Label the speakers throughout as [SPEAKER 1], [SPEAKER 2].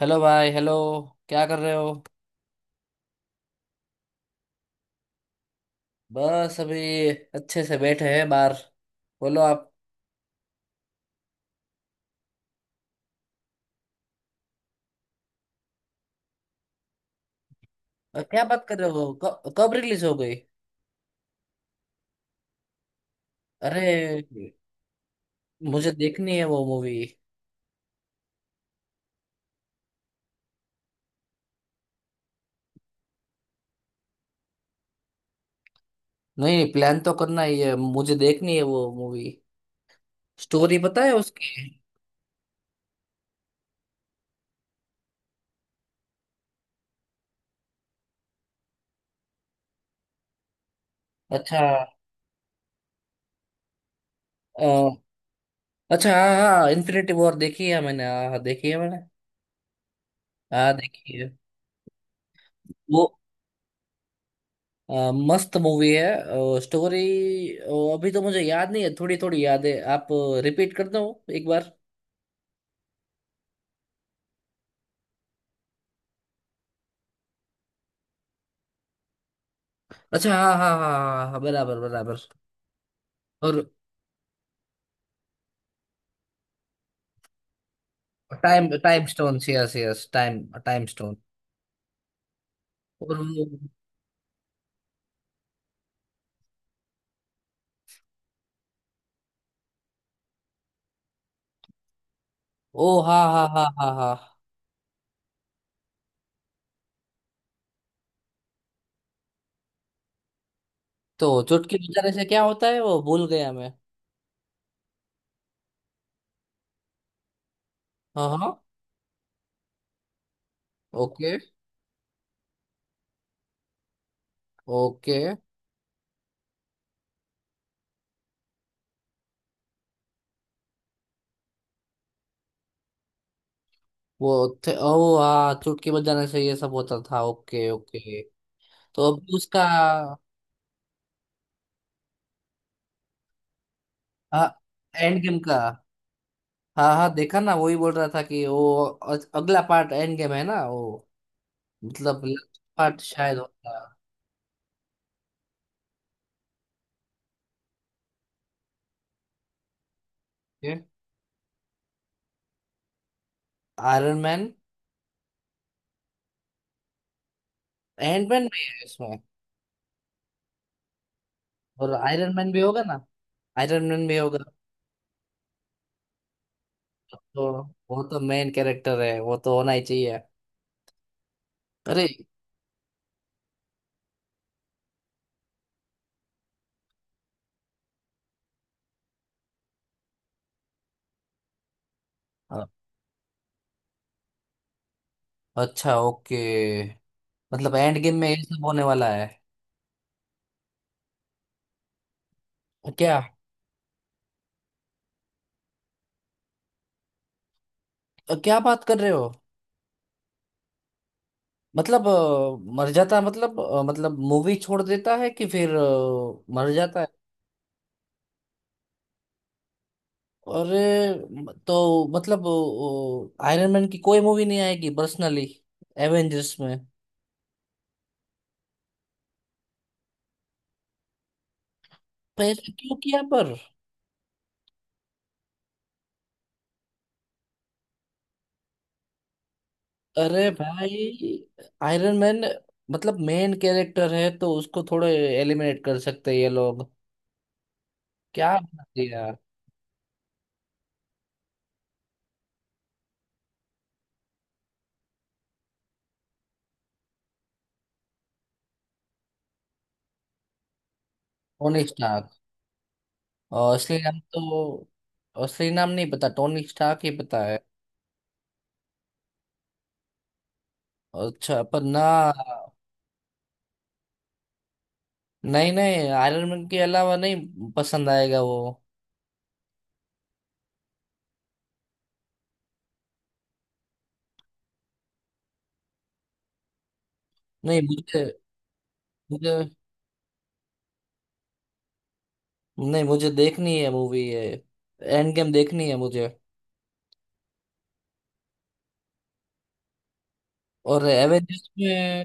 [SPEAKER 1] Hello भाई, hello. क्या कर रहे हो। बस अभी अच्छे से बैठे हैं बाहर। बोलो आप। क्या बात कर रहे हो, कब रिलीज हो गई। अरे मुझे देखनी है वो मूवी। नहीं, प्लान तो करना ही है, मुझे देखनी है वो मूवी। स्टोरी पता है उसकी। अच्छा। अ, अच्छा हाँ हाँ, इन्फिनिटी वॉर देखी है मैंने, हाँ हाँ देखी है मैंने। हाँ देखी है। वो अ, मस्त मूवी है स्टोरी। अभी तो मुझे याद नहीं है, थोड़ी थोड़ी याद है। आप रिपीट कर दो एक बार। अच्छा हाँ हाँ हाँ हाँ हाँ, हाँ, बराबर बराबर। और time time stone, yes yes, time time stone. और वो- ओ हाँ हाँ हाँ हाँ हाँ। तो चुटकी बजाने से क्या होता है, वो भूल गया मैं। हाँ हाँ, ओके ओके। वो थे ओ हाँ, चुटकी बजाने से ये सब होता था। Okay okay. तो अभी उसका एंड गेम का हाँ। हाँ देखा ना, वही बोल रहा था कि वो अगला पार्ट एंड गेम है ना वो। मतलब पार्ट शायद होगा। आयरन मैन एंड मैन भी है इसमें। और आयरन मैन भी होगा ना, आयरन मैन भी होगा। तो वो तो मेन कैरेक्टर है, वो तो होना ही चाहिए। अरे। अ- अच्छा ओके, मतलब एंड गेम में ये सब होने वाला है। क्या। क्या बात कर रहे हो। मतलब मर जाता, मतलब मतलब मूवी छोड़ देता है कि फिर मर जाता। अरे तो मतलब आयरन मैन की कोई मूवी नहीं आएगी पर्सनली, एवेंजर्स में। पैसा क्यों किया पर। अरे भाई, आयरन मैन मतलब मेन कैरेक्टर है, तो उसको थोड़े एलिमिनेट कर सकते हैं ये लोग। क्या बना दिया। टोनी स्टार्क और असली नाम तो, असली नाम नहीं पता, टोनी स्टार्क ही पता है। अच्छा पर ना, नहीं नहीं आयरन मैन के अलावा नहीं पसंद आएगा वो। नहीं मुझे, मुझे, नहीं मुझे देखनी है मूवी ये, एंड गेम देखनी है मुझे। और एवेंजर्स में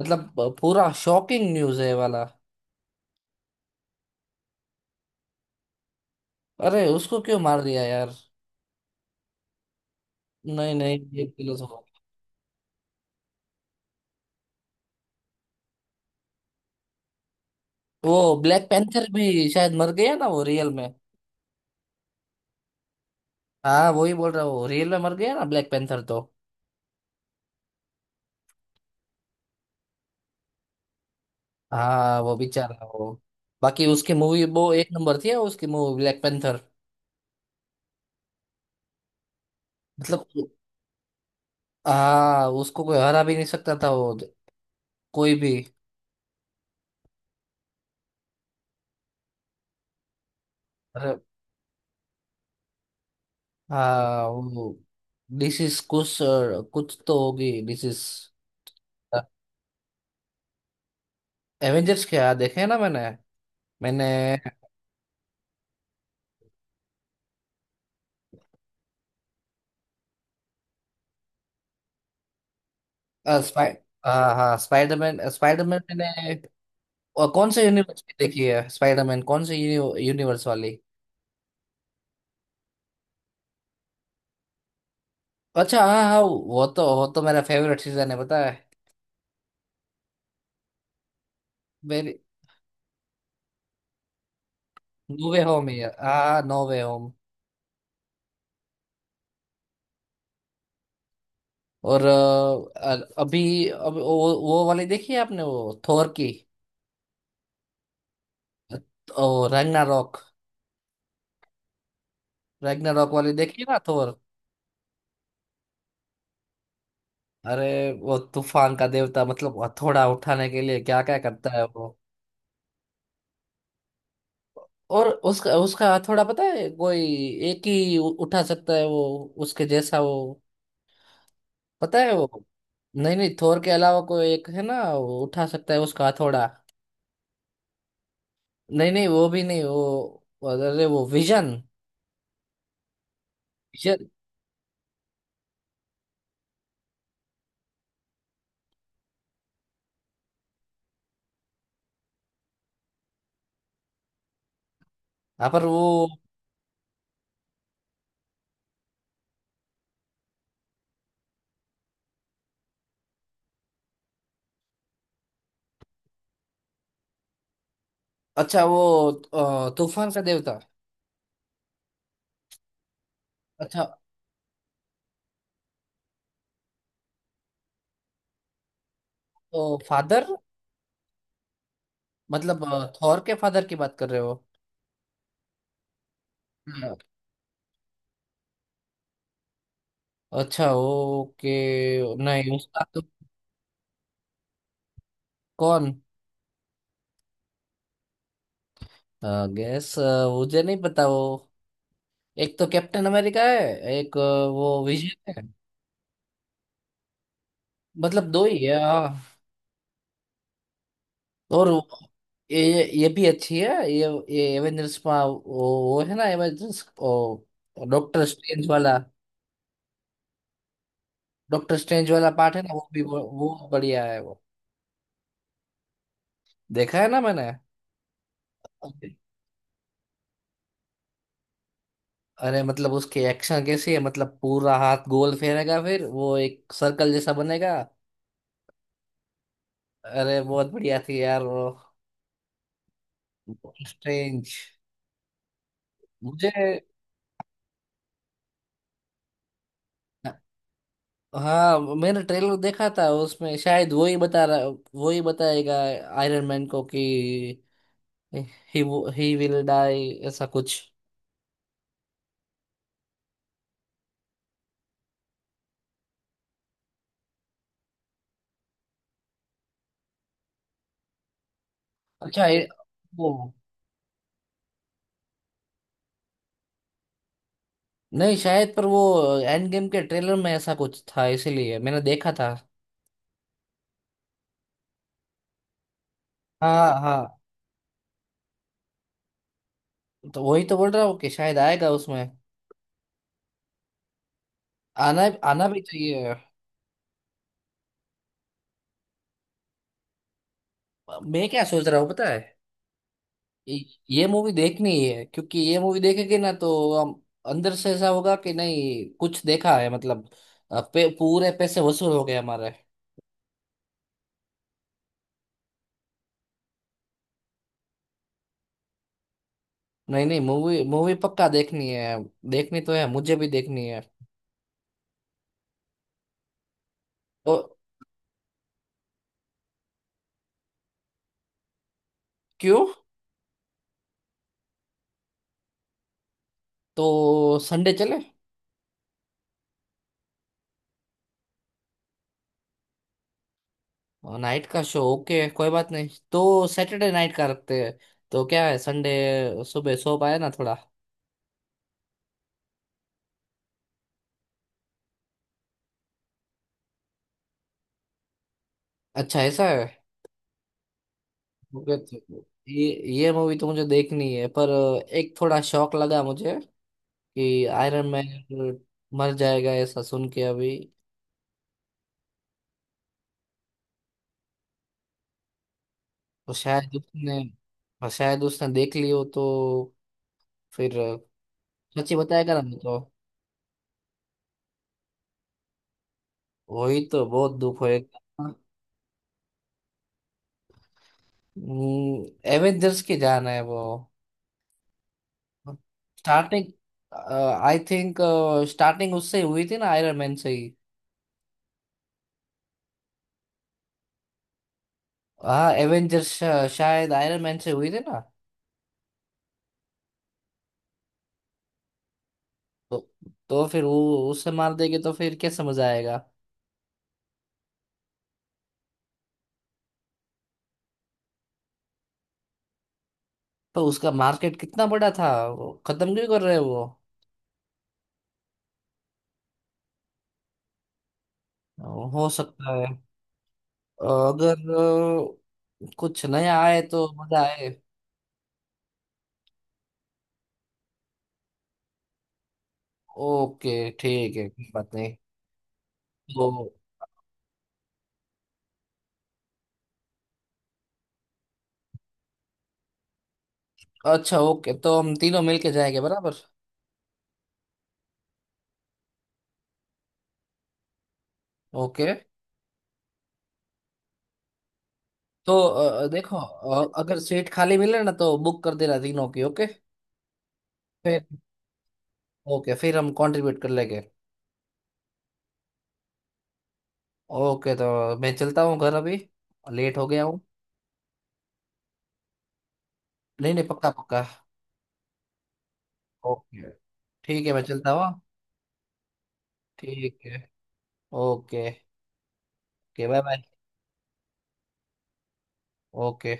[SPEAKER 1] मतलब पूरा शॉकिंग न्यूज है ये वाला। अरे उसको क्यों मार दिया यार। नहीं नहीं, ये गलत हो गया। वो ब्लैक पैंथर भी शायद मर गया ना, वो रियल में। हाँ वही बोल रहा हूँ, रियल में मर गया ना ब्लैक पैंथर तो। हाँ वो बेचारा, वो, बाकी उसकी मूवी वो एक नंबर थी उसकी मूवी ब्लैक पैंथर। मतलब हाँ, उसको कोई हरा भी नहीं सकता था वो, कोई भी। हाँ वो डिसीज, कुछ कुछ तो होगी डिसीज। एवेंजर्स क्या देखे हैं ना मैंने, मैंने स्पाइ, हाँ हाँ स्पाइडरमैन, स्पाइडरमैन मैंने। कौन से यूनिवर्स की देखी है स्पाइडरमैन कौन से यूनिवर्स वाली। अच्छा हाँ हाँ, वो तो मेरा फेवरेट सीजन है पता है। मेरी, नो वे होम है हाँ, नो वे होम। और अभी अब वो वाली देखी है आपने वो थोर की। ओ रैग्नारोक, रैग्नारोक वाली देखी है ना थोर। अरे वो तूफान का देवता, मतलब हथौड़ा उठाने के लिए क्या क्या करता है वो। और उसका उसका हथौड़ा पता है, कोई एक ही उठा सकता है वो, उसके जैसा वो, पता है वो। नहीं नहीं थोर के अलावा कोई एक है ना, वो उठा सकता है उसका हथौड़ा। नहीं नहीं वो भी नहीं वो, अरे वो विजन, विजन। हाँ पर वो, अच्छा वो तूफान का देवता। अच्छा। तो फादर मतलब थोर के फादर की बात कर रहे हो। अच्छा ओके। नहीं उसका तो, कौन। गैस, मुझे नहीं पता वो। एक तो कैप्टन अमेरिका है, एक वो विजन है। मतलब दो ही है हाँ। और वो- ये भी अच्छी है ये एवेंजर्स में वो है ना एवेंजर्स, डॉक्टर स्ट्रेंज वाला, डॉक्टर स्ट्रेंज वाला पार्ट है ना वो भी, वो बढ़िया है वो। देखा है ना मैंने। Okay. अरे मतलब उसकी एक्शन कैसी है, मतलब पूरा हाथ गोल फेरेगा, फिर वो एक सर्कल जैसा बनेगा। अरे बहुत बढ़िया थी यार वो, स्ट्रेंज। मुझे हाँ, मैंने ट्रेलर देखा था उसमें शायद वो ही बता रहा, वो ही बताएगा आयरन मैन को कि ही ही विल डाई, ऐसा कुछ। अच्छा ये- वो नहीं शायद पर, वो एंड गेम के ट्रेलर में ऐसा कुछ था इसीलिए मैंने देखा था। हाँ हाँ, तो वही तो बोल रहा हूँ कि शायद आएगा उसमें। आना, आना भी चाहिए। मैं क्या सोच रहा हूँ पता है। ये ये मूवी देखनी है क्योंकि ये मूवी देखेंगे ना तो हम अंदर से ऐसा होगा कि नहीं कुछ देखा है, मतलब पूरे पैसे वसूल हो गए हमारे। नहीं नहीं, मूवी मूवी पक्का देखनी है, देखनी तो है, मुझे भी देखनी है। तो क्यों। तो संडे चले। नाइट का शो ओके, कोई बात नहीं, तो सैटरडे नाइट का रखते हैं। तो क्या है संडे सुबह सो पाए ना थोड़ा। अच्छा ऐसा है। ओके तो ये ये मूवी तो मुझे देखनी है पर एक थोड़ा शौक लगा मुझे कि आयरन मैन मर जाएगा ऐसा सुन के अभी। तो शायद उसने, और शायद उसने देख लियो तो फिर सच्ची बताएगा ना नहीं तो। वही तो, बहुत दुख होएगा। हम्म, एवेंजर्स की जान है वो। स्टार्टिंग, आई थिंक स्टार्टिंग उससे ही हुई थी ना आयरन मैन से ही। हाँ एवेंजर्स शायद आयरन मैन से हुई थी ना। तो तो फिर वो उससे मार देंगे तो फिर क्या समझ आएगा। तो उसका मार्केट कितना बड़ा था, वो खत्म क्यों कर रहे हैं वो। हो सकता है। अगर कुछ नया आए तो मजा आए। ओके ठीक है, कोई बात नहीं तो। अच्छा ओके, तो हम तीनों मिलके जाएंगे बराबर। ओके तो देखो अगर सीट खाली मिले ना तो बुक कर देना तीनों की ओके। फिर ओके, फिर हम कंट्रीब्यूट कर लेंगे। ओके तो मैं चलता हूँ घर अभी, लेट हो गया हूँ। नहीं नहीं, पक्का पक्का। ओके ठीक है, मैं चलता हूँ हाँ? ठीक है। Okay. Okay bye bye. Okay.